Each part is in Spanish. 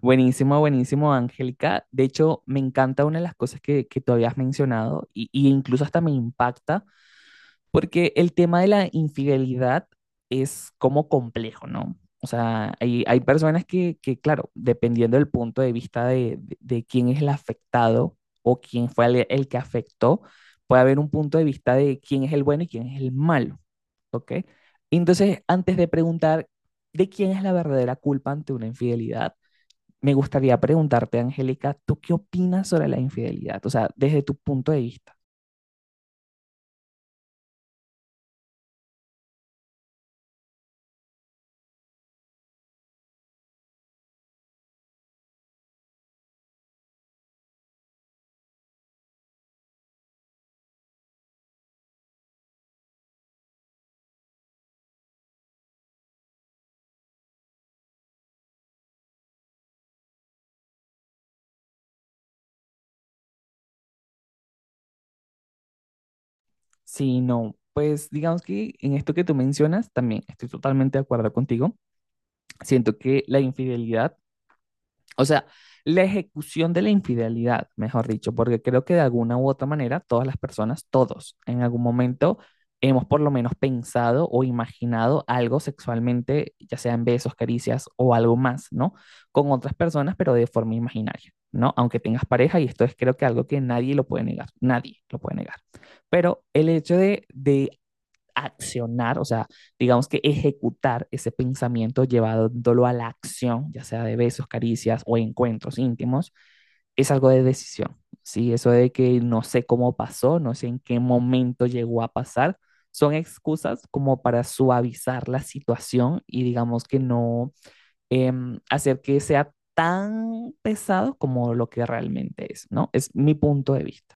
Buenísimo, buenísimo, Angélica. De hecho, me encanta una de las cosas que tú habías mencionado y incluso hasta me impacta, porque el tema de la infidelidad es como complejo, ¿no? O sea, hay personas que claro, dependiendo del punto de vista de quién es el afectado o quién fue el que afectó, puede haber un punto de vista de quién es el bueno y quién es el malo, ¿ok? Entonces, antes de preguntar de quién es la verdadera culpa ante una infidelidad, me gustaría preguntarte, Angélica, ¿tú qué opinas sobre la infidelidad? O sea, desde tu punto de vista. Si no, pues digamos que en esto que tú mencionas, también estoy totalmente de acuerdo contigo. Siento que la infidelidad. O sea, la ejecución de la infidelidad, mejor dicho, porque creo que de alguna u otra manera todas las personas, todos, en algún momento hemos por lo menos pensado o imaginado algo sexualmente, ya sea en besos, caricias o algo más, ¿no? Con otras personas, pero de forma imaginaria, ¿no? Aunque tengas pareja, y esto es creo que algo que nadie lo puede negar, nadie lo puede negar. Pero el hecho de accionar, o sea, digamos que ejecutar ese pensamiento llevándolo a la acción, ya sea de besos, caricias o encuentros íntimos, es algo de decisión, ¿sí? Eso de que no sé cómo pasó, no sé en qué momento llegó a pasar, son excusas como para suavizar la situación y digamos que no eh, hacer que sea tan pesado como lo que realmente es, ¿no? Es mi punto de vista.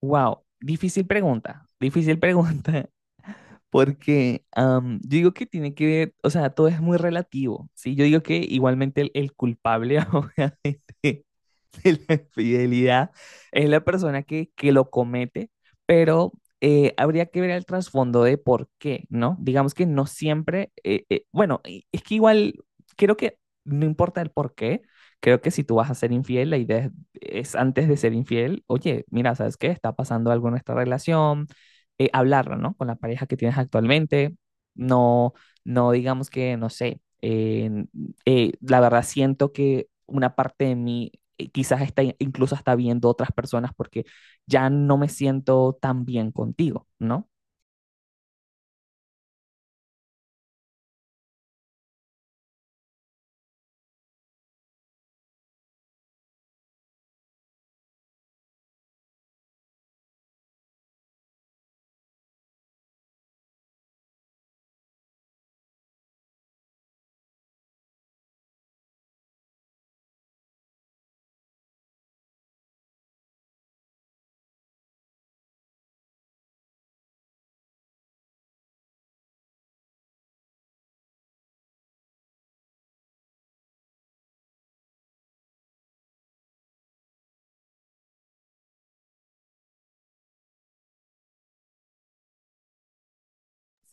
Wow, difícil pregunta, difícil pregunta. Porque yo digo que tiene que ver, o sea, todo es muy relativo, ¿sí? Yo digo que igualmente el culpable, obviamente, de la infidelidad es la persona que lo comete, pero habría que ver el trasfondo de por qué, ¿no? Digamos que no siempre, bueno, es que igual creo que no importa el por qué, creo que si tú vas a ser infiel, la idea es antes de ser infiel, oye, mira, ¿sabes qué? Está pasando algo en nuestra relación, hablarlo, ¿no? Con la pareja que tienes actualmente, no, no digamos que, no sé, la verdad siento que una parte de mí quizás está incluso hasta viendo otras personas porque ya no me siento tan bien contigo, ¿no?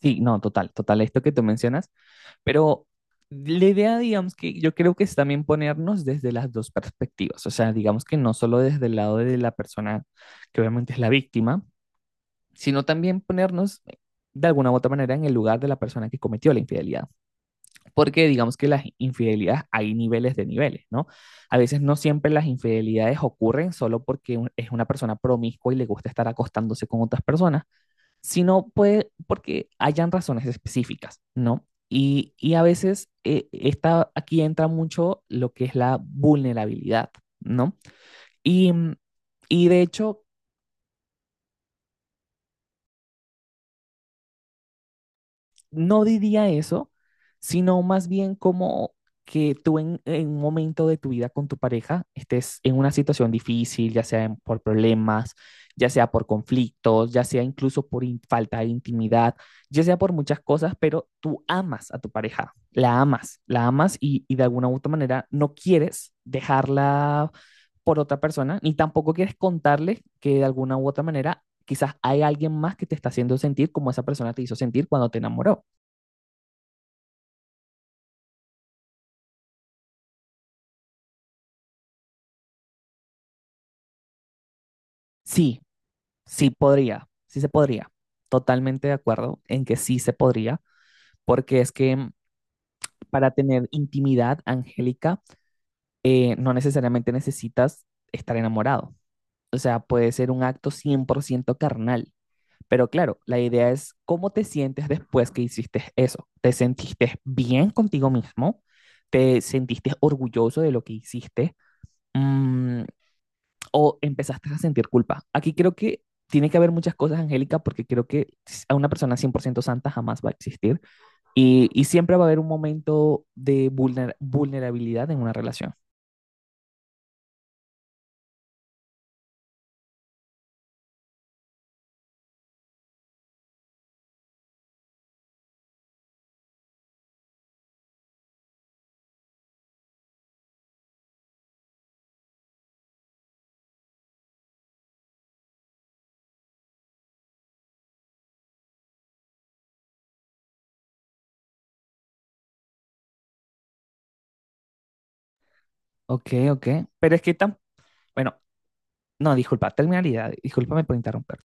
Sí, no, total, total, esto que tú mencionas, pero la idea, digamos que yo creo que es también ponernos desde las dos perspectivas, o sea, digamos que no solo desde el lado de la persona que obviamente es la víctima, sino también ponernos de alguna u otra manera en el lugar de la persona que cometió la infidelidad. Porque digamos que las infidelidades hay niveles de niveles, ¿no? A veces no siempre las infidelidades ocurren solo porque es una persona promiscua y le gusta estar acostándose con otras personas, sino puede porque hayan razones específicas, ¿no? Y a veces aquí entra mucho lo que es la vulnerabilidad, ¿no? Y, mm, y de hecho, no diría eso, sino más bien como que tú en un momento de tu vida con tu pareja estés en una situación difícil, ya sea por problemas, ya sea por conflictos, ya sea incluso por falta de intimidad, ya sea por muchas cosas, pero tú amas a tu pareja, la amas y de alguna u otra manera no quieres dejarla por otra persona, ni tampoco quieres contarle que de alguna u otra manera quizás hay alguien más que te está haciendo sentir como esa persona te hizo sentir cuando te enamoró. Sí, sí podría, sí se podría. Totalmente de acuerdo en que sí se podría, porque es que mm, para tener intimidad angélica no necesariamente necesitas estar enamorado. O sea, puede ser un acto 100% carnal. Pero claro, la idea es cómo te sientes después que hiciste eso. ¿Te sentiste bien contigo mismo? ¿Te sentiste orgulloso de lo que hiciste? Mm, o empezaste a sentir culpa. Aquí creo que tiene que haber muchas cosas, Angélica, porque creo que a una persona 100% santa jamás va a existir y siempre va a haber un momento de vulnerabilidad en una relación. Ok, ok. Pero es que tan, bueno, no, disculpa, terminalidad, discúlpame por interrumpir.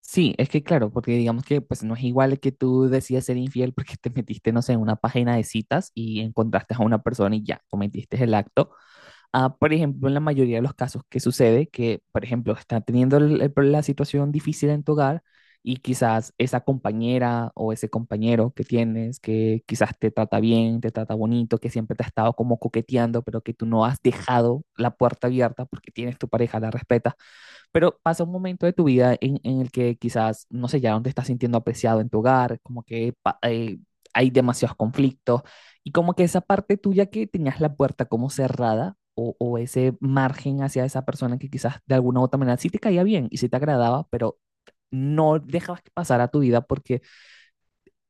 Sí, es que claro, porque digamos que pues no es igual que tú decidas ser infiel porque te metiste, no sé, en una página de citas y encontraste a una persona y ya cometiste el acto, a, por ejemplo, en la mayoría de los casos que sucede, que, por ejemplo, está teniendo la situación difícil en tu hogar y quizás esa compañera o ese compañero que tienes, que quizás te trata bien, te trata bonito, que siempre te ha estado como coqueteando, pero que tú no has dejado la puerta abierta porque tienes tu pareja, la respetas. Pero pasa un momento de tu vida en el que quizás, no sé, ya no te estás sintiendo apreciado en tu hogar, como que hay demasiados conflictos y como que esa parte tuya que tenías la puerta como cerrada o ese margen hacia esa persona que quizás de alguna u otra manera sí te caía bien y sí te agradaba, pero no dejabas que pasara tu vida porque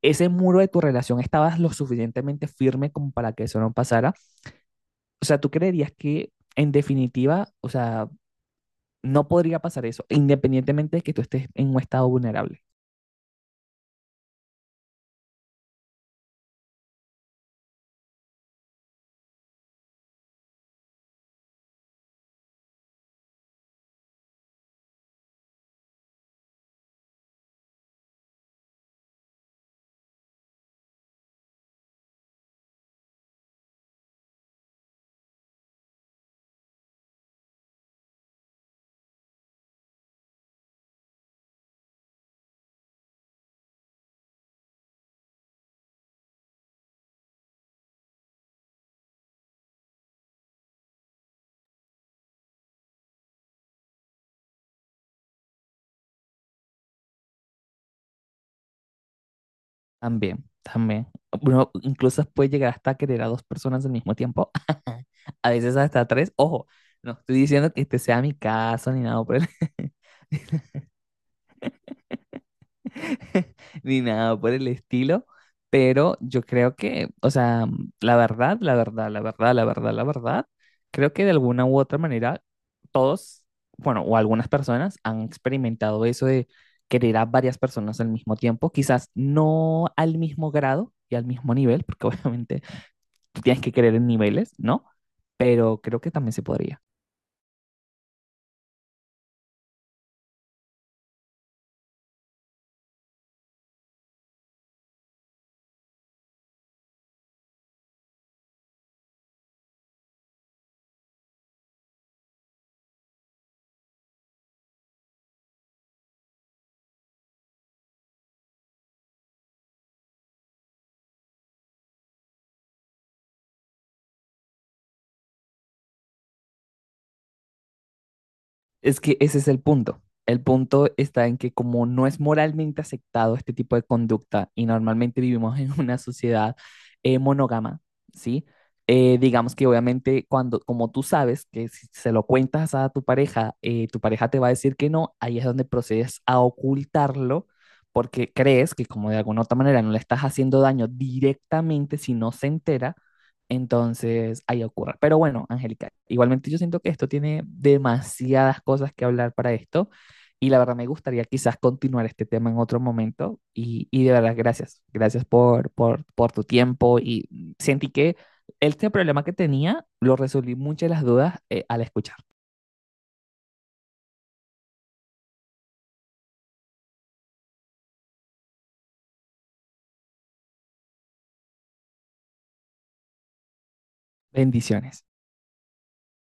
ese muro de tu relación estabas lo suficientemente firme como para que eso no pasara. O sea, ¿tú creerías que en definitiva, o sea, no podría pasar eso, independientemente de que tú estés en un estado vulnerable? También, también. Uno incluso puede llegar hasta a querer a dos personas al mismo tiempo, a veces hasta tres. Ojo, no estoy diciendo que este sea mi caso ni nada, pero ni nada por el estilo, pero yo creo que, o sea, la verdad, la verdad, la verdad, la verdad, la verdad, creo que de alguna u otra manera todos, bueno, o algunas personas han experimentado eso de querer a varias personas al mismo tiempo, quizás no al mismo grado y al mismo nivel, porque obviamente tú tienes que querer en niveles, ¿no? Pero creo que también se podría. Es que ese es el punto. El punto está en que como no es moralmente aceptado este tipo de conducta y normalmente vivimos en una sociedad monógama, ¿sí? Digamos que obviamente cuando, como tú sabes que si se lo cuentas a tu pareja te va a decir que no, ahí es donde procedes a ocultarlo porque crees que como de alguna otra manera no le estás haciendo daño directamente si no se entera, entonces, ahí ocurre. Pero bueno, Angélica, igualmente yo siento que esto tiene demasiadas cosas que hablar para esto y la verdad me gustaría quizás continuar este tema en otro momento y de verdad gracias por tu tiempo y sentí que este problema que tenía lo resolví muchas de las dudas al escuchar. Bendiciones.